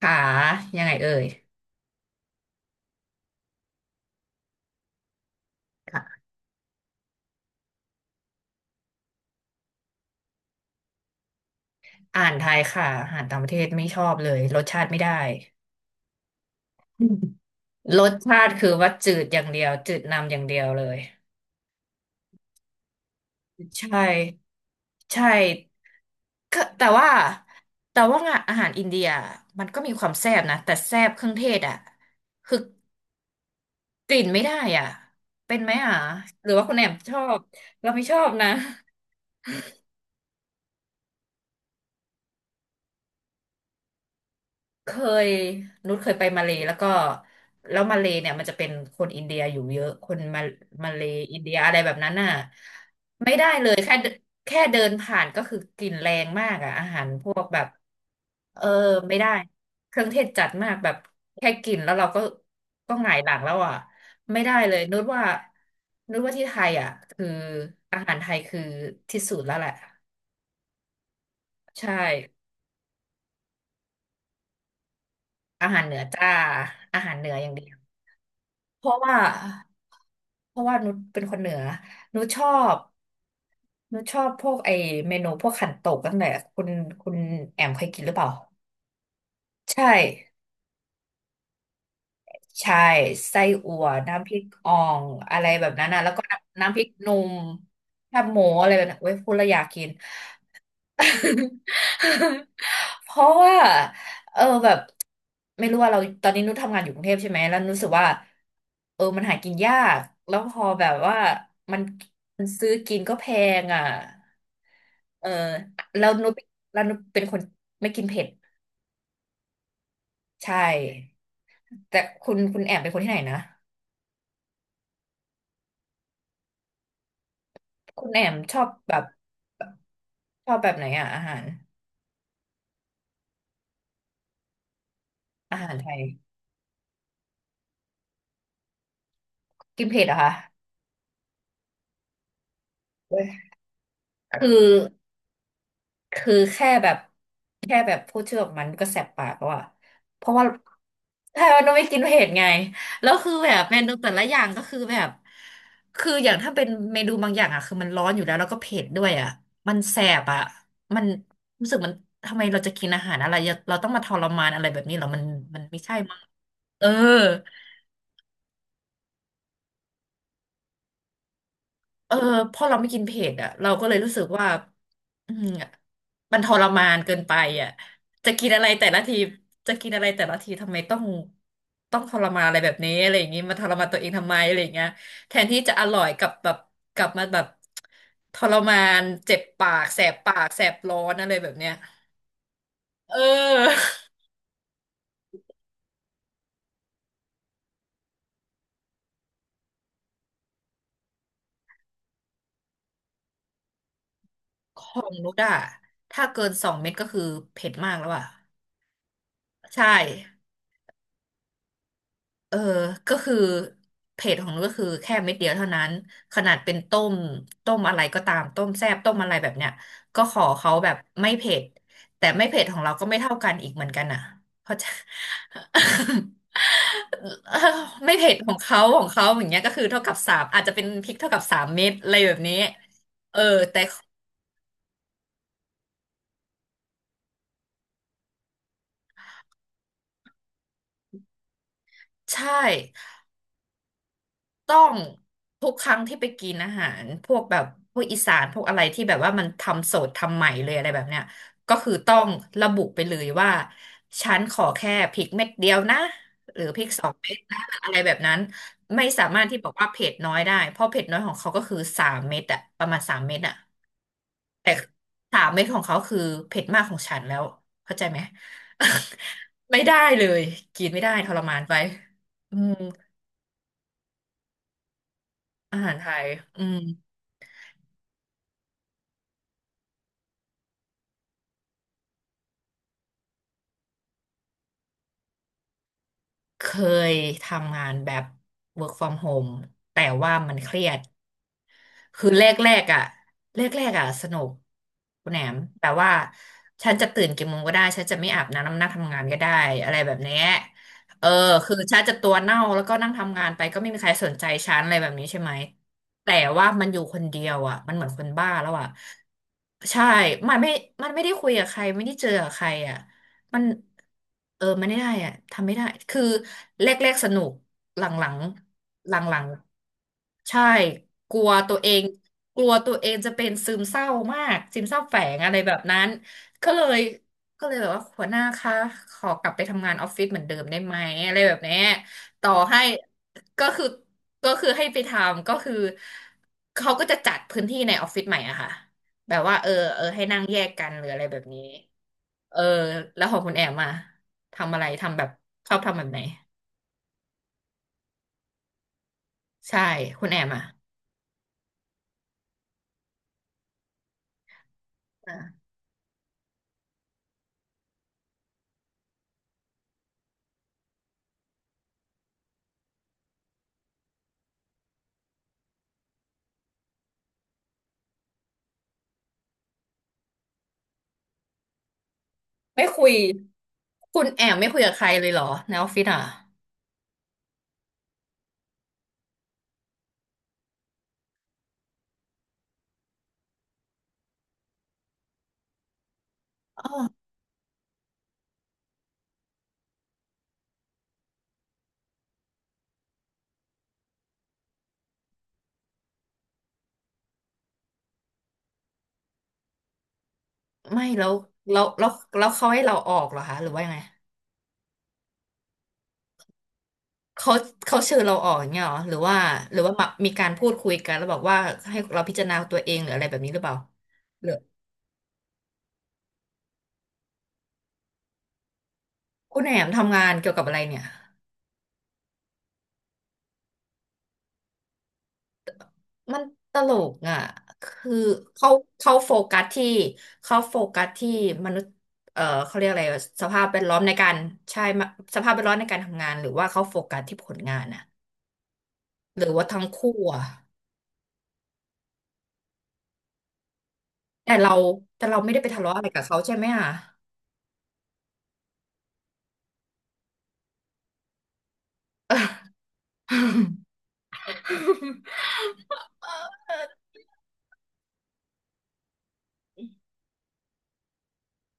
ขายังไงเอ่ยค่ะอ่านไทยค่ะอาหารต่างประเทศไม่ชอบเลยรสชาติไม่ได้ รสชาติคือว่าจืดอย่างเดียวจืดนำอย่างเดียวเลยใช่ใช่ก็แต่ว่าอาหารอินเดียมันก็มีความแซ่บนะแต่แซ่บเครื่องเทศอ่ะคือกลิ่นไม่ได้อ่ะเป็นไหมอ่ะหรือว่าคุณแอมชอบเราไม่ชอบนะ เคยนุชเคยไปมาเลย์แล้วก็แล้วมาเลย์เนี่ยมันจะเป็นคนอินเดียอยู่เยอะคนมามาเลย์อินเดียอะไรแบบนั้นน่ะไม่ได้เลยแค่เดินผ่านก็คือกลิ่นแรงมากอ่ะอาหารพวกแบบเออไม่ได้เครื่องเทศจัดมากแบบแค่กลิ่นแล้วเราก็ก็หงายหลังแล้วอ่ะไม่ได้เลยนุชว่าที่ไทยอ่ะคืออาหารไทยคือที่สุดแล้วแหละใช่อาหารเหนือจ้าอาหารเหนืออย่างเดียวเพราะว่า เพราะว่านุชเป็นคนเหนือนุชชอบ นุชชอบพวกไอเมนูพวกขันโตกตั้งแต่คุณคุณแอมเคยกินหรือเปล่า ใช่ใช่ไส้อั่วน้ำพริกอ่องอะไรแบบนั้นนะ แล้วก็น้ำพริกหนุ่มแคบหมูอะไรแบบนั้นเว้ยพูดแล้วอยากกิน เพราะว่าเออแบบไม่รู้ว่าเราตอนนี้นุชทำงานอยู่กรุงเทพใช่ไหมแล้วนุชรู้สึกว่าเออมันหากินยากแล้วพอแบบว่ามันมันซื้อกินก็แพงอ่ะเออแล้วนุชแล้วนุชเป็นคนไม่กินเผ็ดใช่แต่คุณแอมเป็นคนที่ไหนนะคุณแอมชอบแบบชอบแบบไหนอ่ะอาหารอาหารไทยกินเผ็ดเหรอะคะเว้ยคือ คือแค่แบบแค่แบบพูดชื่อออกมันก็แสบปากแล้วอะเพราะว่าใช่มันองไม่กินเผ็ดไงแล้วคือแบบเมนูแต่ละอย่างก็คือแบบคืออย่างถ้าเป็นเมนูบางอย่างอะคือมันร้อนอยู่แล้วแล้วก็เผ็ดด้วยอะมันแสบอะมันรู้สึกมันทำไมเราจะกินอาหารอะไรเราต้องมาทรมานอะไรแบบนี้เหรอมันมันไม่ใช่มั้งเออ เออพอเราไม่กินเผ็ดอ่ะเราก็เลยรู้สึกว่าอืมมันทรมานเกินไปอ่ะจะกินอะไรแต่ละทีจะกินอะไรแต่ละทีทำไมต้องต้องทรมานอะไรแบบนี้อะไรอย่างงี้มาทรมานตัวเองทำไมอะไรอย่างเงี้ยแทนที่จะอร่อยกลับมาแบบทรมานเจ็บปากแสบปากแสบร้อนอะไรแบบเนี้ยเออของนุชอะถ้าเกินสองเม็ดก็คือเผ็ดมากแล้วอ่ะใช่ เออก็คือเผ็ดของนุ้นก็คือแค่เม็ดเดียวเท่านั้นขนาดเป็นต้มต้มอะไรก็ตามต้มแซ่บต้มอะไรแบบเนี้ยก็ขอเขาแบบไม่เผ็ดแต่ไม่เผ็ดของเรา ก็ไม่เท่ากันอีกเหมือนกันอ่ะเพราะจะ เออไม่เผ็ดของเขาอย่างเงี้ยก็คือเท่ากับสามอาจจะเป็นพริกเท่ากับสามเม็ดอะไรแบบนี้เออแต่ใช่ ต้องทุกครั้งที่ไปกินอาหารพวกแบบพวกอีสานพวกอะไรที่แบบว่ามันทำสดทำใหม่เลยอะไรแบบเนี้ยก็คือต้องระบุไปเลยว่าฉันขอแค่พริกเม็ดเดียวนะหรือพริกสองเม็ดนะหรืออะไรแบบนั้นไม่สามารถที่บอกว่าเผ็ดน้อยได้เพราะเผ็ดน้อยของเขาก็คือสามเม็ดอะประมาณสามเม็ดอะแต่สามเม็ดของเขาคือเผ็ดมากของฉันแล้วเข้าใจไหม ไม่ได้เลยกินไม่ได้ทรมานไปอืมอาหารไทยอืม เคยทำงานแบบ work from home แต่ว่ามันเครียดคือแรกอ่ะแรกอ่ะสนุกคุณแหนมแต่ว่าฉันจะตื่นกี่โมงก็ได้ฉันจะไม่อาบน้ำนำนั่งทำงานก็ได้อะไรแบบเนี้ยเออคือฉันจะตัวเน่าแล้วก็นั่งทำงานไปก็ไม่มีใครสนใจฉันอะไรแบบนี้ใช่ไหม แต่ว่ามันอยู่คนเดียวอ่ะมันเหมือนคนบ้าแล้วอ่ะใช่มันไม่มันไม่ได้คุยกับใครไม่ได้เจอกับใครอ่ะ มันเออมันไม่ได้อะทำไม่ได้คือแรกๆสนุกหลังๆหลังๆใช่กลัวตัวเองกลัวตัวเองจะเป็นซึมเศร้ามากซึมเศร้าแฝงอะไรแบบนั้นก็เลยก็เลยแบบว่าหัวหน้าคะขอกลับไปทำงานออฟฟิศเหมือนเดิมได้ไหมอะไรแบบเนี้ยต่อให้ก็คือให้ไปทำก็คือเขาก็จะจัดพื้นที่ในออฟฟิศใหม่อะค่ะแบบว่าเออให้นั่งแยกกันหรืออะไรแบบนี้ เออแล้วของคุณแอมมาทำอะไรทำแบบชอบทำแบบไหนใช่คุณแอมอ่ะอ่ะไม่คุยคุณแอมไม่คุยกับใครเลยเหรอในออฟฟิศอ่ะไม่แล้วแล้วเขาให้เราออกเหรอคะหรือว่ายังไงเขาเขาเชิญเราออกอย่างเงี้ยเหรอหรือว่าหรือว่ามามีการพูดคุยกันแล้วบอกว่าให้เราพิจารณาตัวเองหรืออะไรแบบนี้หรือเปล่าหรือคุณแอมทำงานเกี่ยวกับอะไรเนี่ย มันตลกอ่ะคือเขาเขาโฟกัสที่เขาโฟกัสที่มนุษย์เขาเรียกอะไรสภาพแวดล้อมในการใช่มาสภาพแวดล้อมในการทำงานหรือว่าเขาโฟกัสที่ผลงานอ่ะหรือว่าทั้งคู่อ่ะแต่เราแต่เราไม่ได้ไปทะเลาะอะไรกับเขาใช่ไหมอ่ะ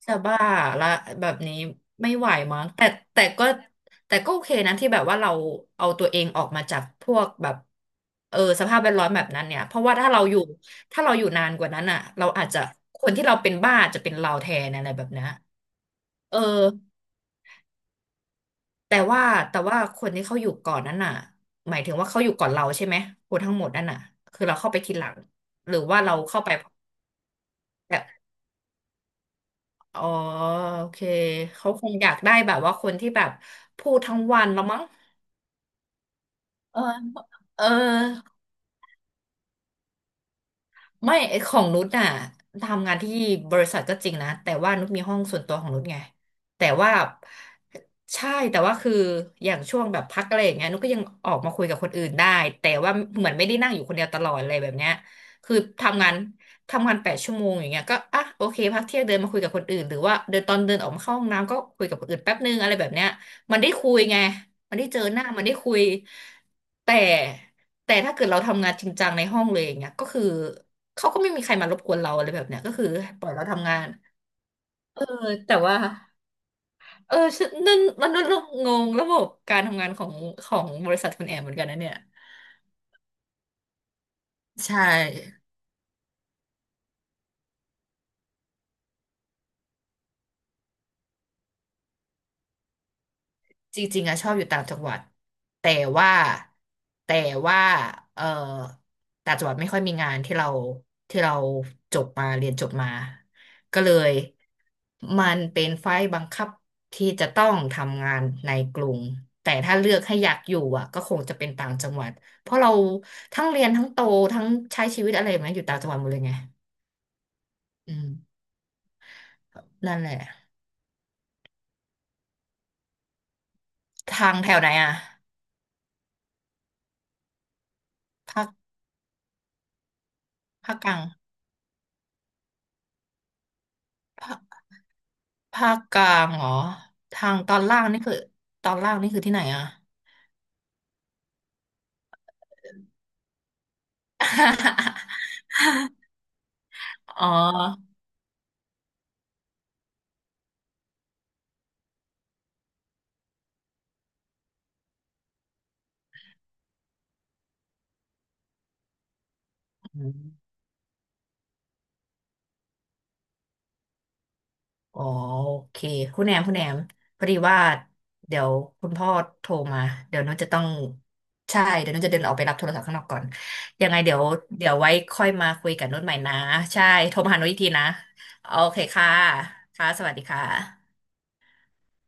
จะบ้าละแบบนี้ไม่ไหวมั้งแต่แต่ก็แต่ก็โอเคนะที่แบบว่าเราเอาตัวเองออกมาจากพวกแบบเออสภาพแวดล้อมแบบนั้นเนี่ยเพราะว่าถ้าเราอยู่ถ้าเราอยู่นานกว่านั้นอ่ะเราอาจจะคนที่เราเป็นบ้าจะเป็นเราแทนอะไรแบบเนี้ยเออแต่ว่าแต่ว่าคนที่เขาอยู่ก่อนนั้นน่ะหมายถึงว่าเขาอยู่ก่อนเราใช่ไหมคนทั้งหมดนั่นน่ะคือเราเข้าไปทีหลังหรือว่าเราเข้าไป อ๋อโอเคเขาคงอยากได้แบบว่าคนที่แบบพูดทั้งวันแล้วมั้งเออเออ ไม่ไอ้ของนุชน่ะทำงานที่บริษัทก็จริงนะแต่ว่านุชมีห้องส่วนตัวของนุชไงแต่ว่าใช่แต่ว่าคืออย่างช่วงแบบพักอะไรอย่างเงี้ยนุชก็ยังออกมาคุยกับคนอื่นได้แต่ว่าเหมือนไม่ได้นั่งอยู่คนเดียวตลอดอะไรแบบเนี้ยคือทำงานทำงาน8 ชั่วโมงอย่างเงี้ยก็อ่ะโอเคพักเที่ยงเดินมาคุยกับคนอื่นหรือว่าเดินตอนเดินออกมาเข้าห้องน้ำก็คุยกับคนอื่นแป๊บนึงอะไรแบบเนี้ยมันได้คุยไงมันได้เจอหน้ามันได้คุยแต่แต่ถ้าเกิดเราทำงานจริงจังในห้องเลยอย่างเงี้ยก็คือ เขาก็ไม่มีใครมารบกวนเราอะไรแบบเนี้ยก็คือปล่อยเราทำงาน เออแต่ว่าเออฉันนั่นมันนั่นงงระบบการทำงานของของบริษัทคุณแอมเหมือนกันนะเนี่ยใช่ จริงๆอะชอบอยู่ต่างจังหวัดแต่ว่าแต่ว่าเออต่างจังหวัดไม่ค่อยมีงานที่เราที่เราจบมาเรียนจบมาก็เลยมันเป็นไฟล์บังคับที่จะต้องทำงานในกรุงแต่ถ้าเลือกให้อยากอยู่อะก็คงจะเป็นต่างจังหวัดเพราะเราทั้งเรียนทั้งโตทั้งใช้ชีวิตอะไรมาอยู่ต่างจังหวัดหมดเลยไงอืมนั่นแหละทางแถวไหนอะภาคภาคกลาง ภาคกลางเหรอทางตอนล่างนี่คือตอนล่างนี่คือที่ไหนอะ อ๋ออืมอ๋อโอเคคุณแหนมคุณแหนมพอดีว่าเดี๋ยวคุณพ่อโทรมาเดี๋ยวนุ์จะต้องใช่เดี๋ยวนุ์จะเดินออกไปรับโทรศัพท์ข้างนอกก่อนยังไงเดี๋ยวเดี๋ยวไว้ค่อยมาคุยกับนุชใหม่นะใช่โทรมาหานุชอีกทีนะโอเคค่ะค่ะสวัสดีค่ะ